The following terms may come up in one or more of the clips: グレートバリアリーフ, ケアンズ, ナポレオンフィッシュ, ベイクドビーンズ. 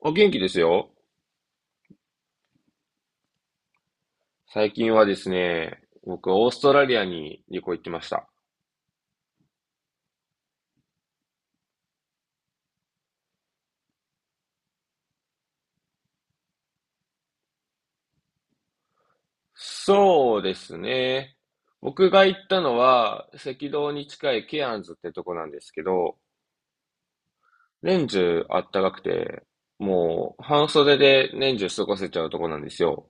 お元気ですよ。最近はですね、僕、オーストラリアに旅行行ってました。そうですね。僕が行ったのは、赤道に近いケアンズってとこなんですけど、年中あったかくて、もう半袖で年中過ごせちゃうとこなんですよ。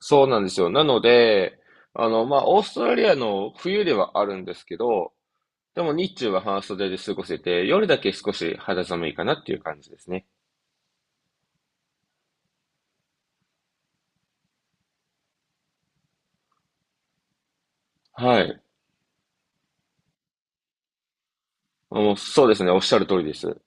そうなんですよ。なので、まあ、オーストラリアの冬ではあるんですけど、でも日中は半袖で過ごせて、夜だけ少し肌寒いかなっていう感じですね。はい。もうそうですね、おっしゃる通りです。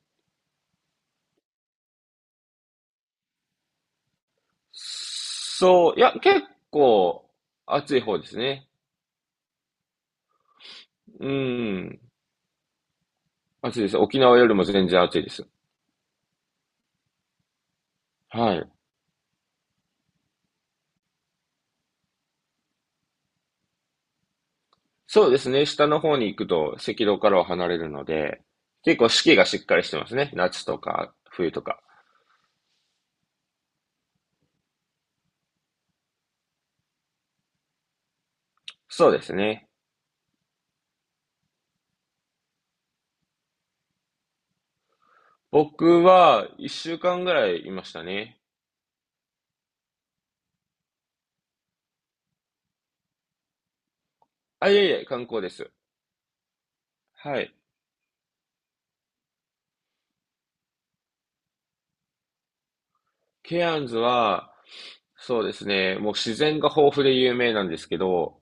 そう、いや、結構暑い方ですね。うん、暑いです。沖縄よりも全然暑いです。はい。そうですね、下の方に行くと赤道からは離れるので、結構四季がしっかりしてますね。夏とか冬とか。そうですね。僕は一週間ぐらいいましたね。あ、いえいえ、観光です。はい。ケアンズは、そうですね、もう自然が豊富で有名なんですけど、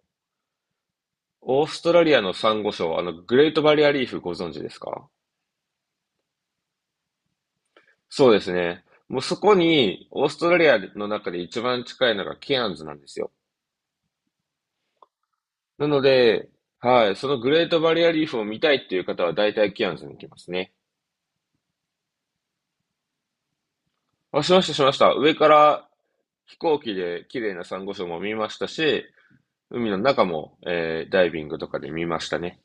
オーストラリアのサンゴ礁、グレートバリアリーフご存知ですか？そうですね。もうそこに、オーストラリアの中で一番近いのがケアンズなんですよ。なので、はい、そのグレートバリアリーフを見たいっていう方は大体ケアンズに行きますね。あ、しました、しました。上から飛行機で綺麗なサンゴ礁も見ましたし、海の中も、ダイビングとかで見ましたね。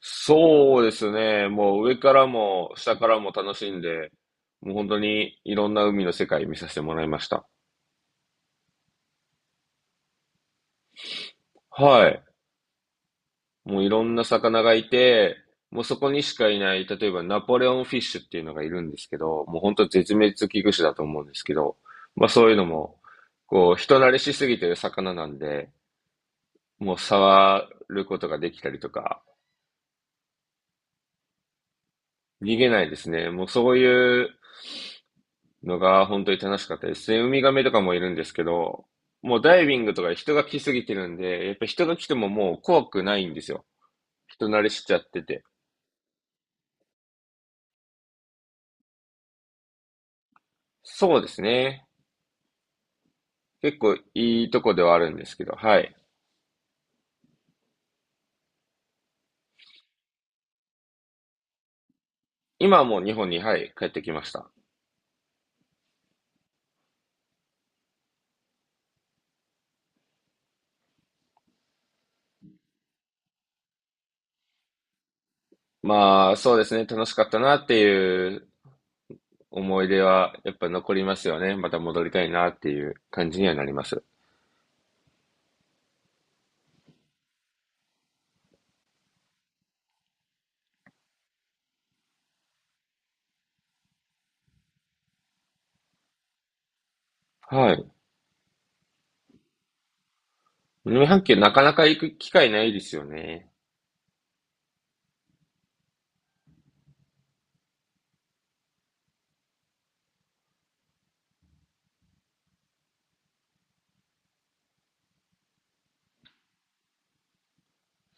そうですね。もう上からも下からも楽しんで、もう本当にいろんな海の世界見させてもらいました。はい。もういろんな魚がいて、もうそこにしかいない、例えばナポレオンフィッシュっていうのがいるんですけど、もう本当絶滅危惧種だと思うんですけど、まあそういうのも、こう人慣れしすぎてる魚なんで、もう触ることができたりとか、逃げないですね。もうそういうのが本当に楽しかったですね。ウミガメとかもいるんですけど、もうダイビングとか人が来すぎてるんで、やっぱ人が来てももう怖くないんですよ。人慣れしちゃってて。そうですね。結構いいとこではあるんですけど、はい。今はもう日本に、はい、帰ってきました。まあ、そうですね。楽しかったなっていう思い出はやっぱ残りますよね。また戻りたいなっていう感じにはなります。はい。南半球なかなか行く機会ないですよね。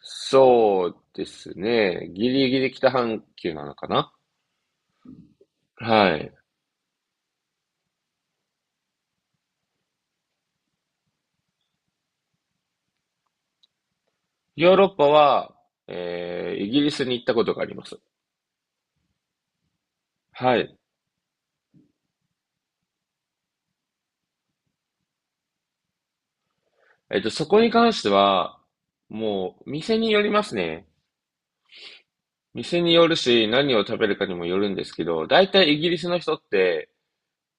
そうですね。ギリギリ北半球なのかな？はい。ヨーロッパは、イギリスに行ったことがあります。はい。えっと、そこに関しては、もう、店によりますね。店によるし、何を食べるかにもよるんですけど、大体イギリスの人って、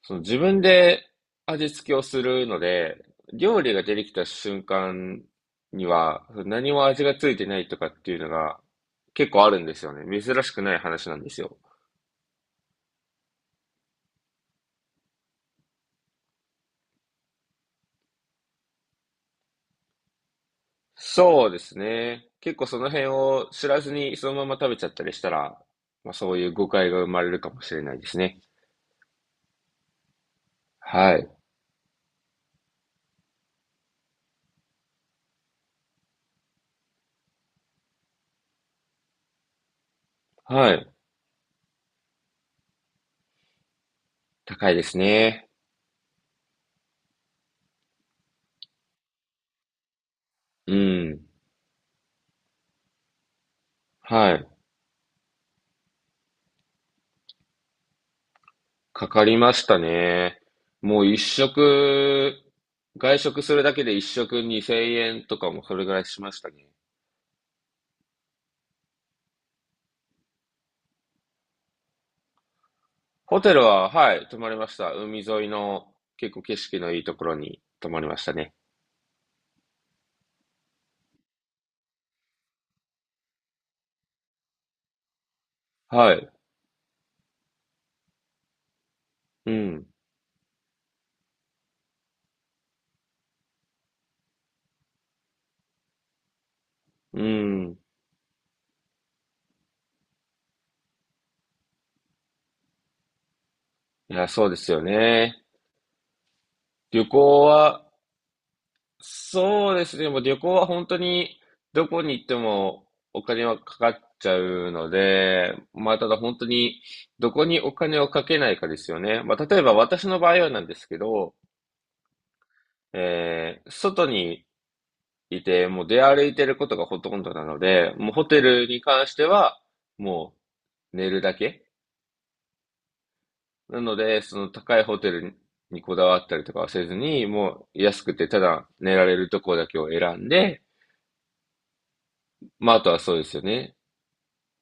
その自分で味付けをするので、料理が出てきた瞬間には、何も味がついてないとかっていうのが結構あるんですよね。珍しくない話なんですよ。そうですね。結構その辺を知らずにそのまま食べちゃったりしたら、まあそういう誤解が生まれるかもしれないですね。はい。はい。高いですね。うん。はい。かかりましたね。もう一食、外食するだけで一食2000円とかもそれぐらいしましたね。ホテルは、はい、泊まりました。海沿いの結構景色のいいところに泊まりましたね。はい。うん。うん。いや、そうですよね。旅行は、そうですね。でもう旅行は本当にどこに行ってもお金はかかっちゃうので、まあただ本当にどこにお金をかけないかですよね。まあ例えば私の場合はなんですけど、外にいてもう出歩いてることがほとんどなので、もうホテルに関してはもう寝るだけ。なので、その高いホテルにこだわったりとかはせずに、もう安くてただ寝られるところだけを選んで、まあ、あとはそうですよね。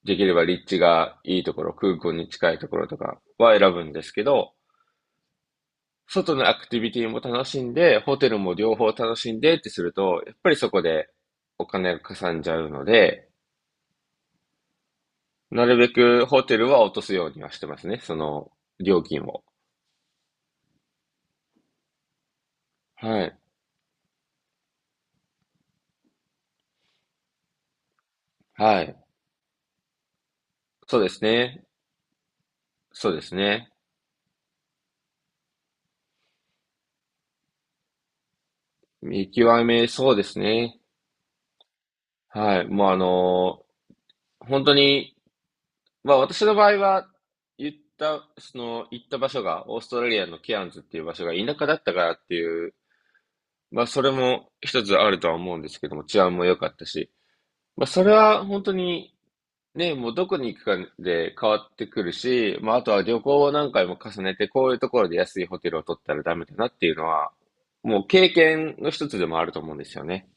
できれば立地がいいところ、空港に近いところとかは選ぶんですけど、外のアクティビティも楽しんで、ホテルも両方楽しんでってすると、やっぱりそこでお金がかさんじゃうので、なるべくホテルは落とすようにはしてますね。その料金を。はい。はい。そうですね。そうですね。見極め、そうですね。はい。もう本当にまあ私の場合は、言った、その、行った場所が、オーストラリアのケアンズっていう場所が田舎だったからっていう、まあそれも一つあるとは思うんですけども、治安も良かったし、まあそれは本当に、ね、もうどこに行くかで変わってくるし、まああとは旅行を何回も重ねて、こういうところで安いホテルを取ったらダメだなっていうのは、もう経験の一つでもあると思うんですよね。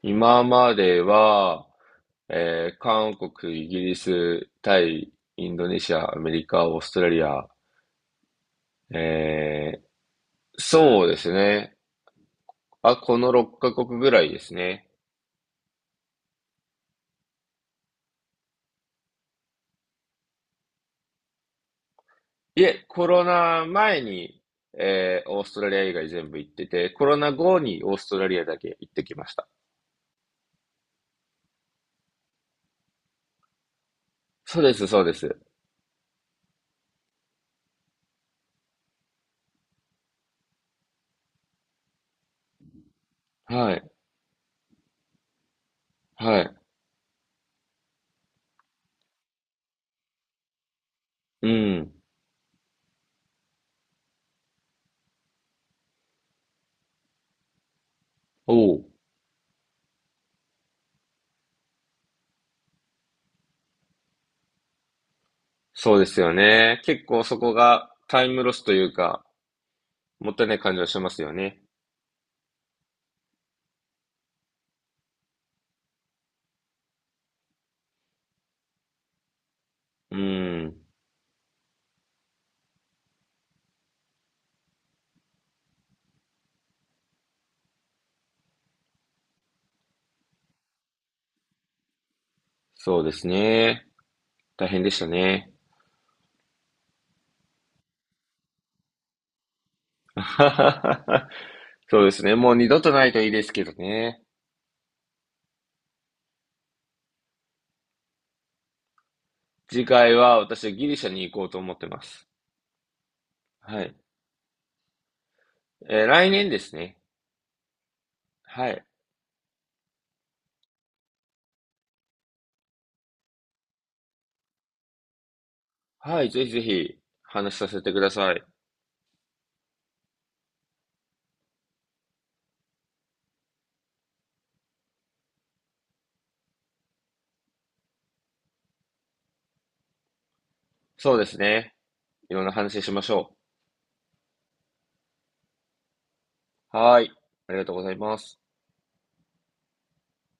今までは、韓国、イギリス、タイ、インドネシア、アメリカ、オーストラリア。えーそうですね。あ、この6カ国ぐらいですね。いえ、コロナ前に、オーストラリア以外全部行ってて、コロナ後にオーストラリアだけ行ってきました。そうです、そうです。はい、はい。うん。おう。そうですよね。結構そこがタイムロスというか、もったいない感じはしますよね。うん。そうですね。大変でしたね。そうですね。もう二度とないといいですけどね。次回は私はギリシャに行こうと思ってます。はい。来年ですね。はい。はい。ぜひぜひ話させてください。そうですね。いろんな話しましょう。はい。ありがとうございます。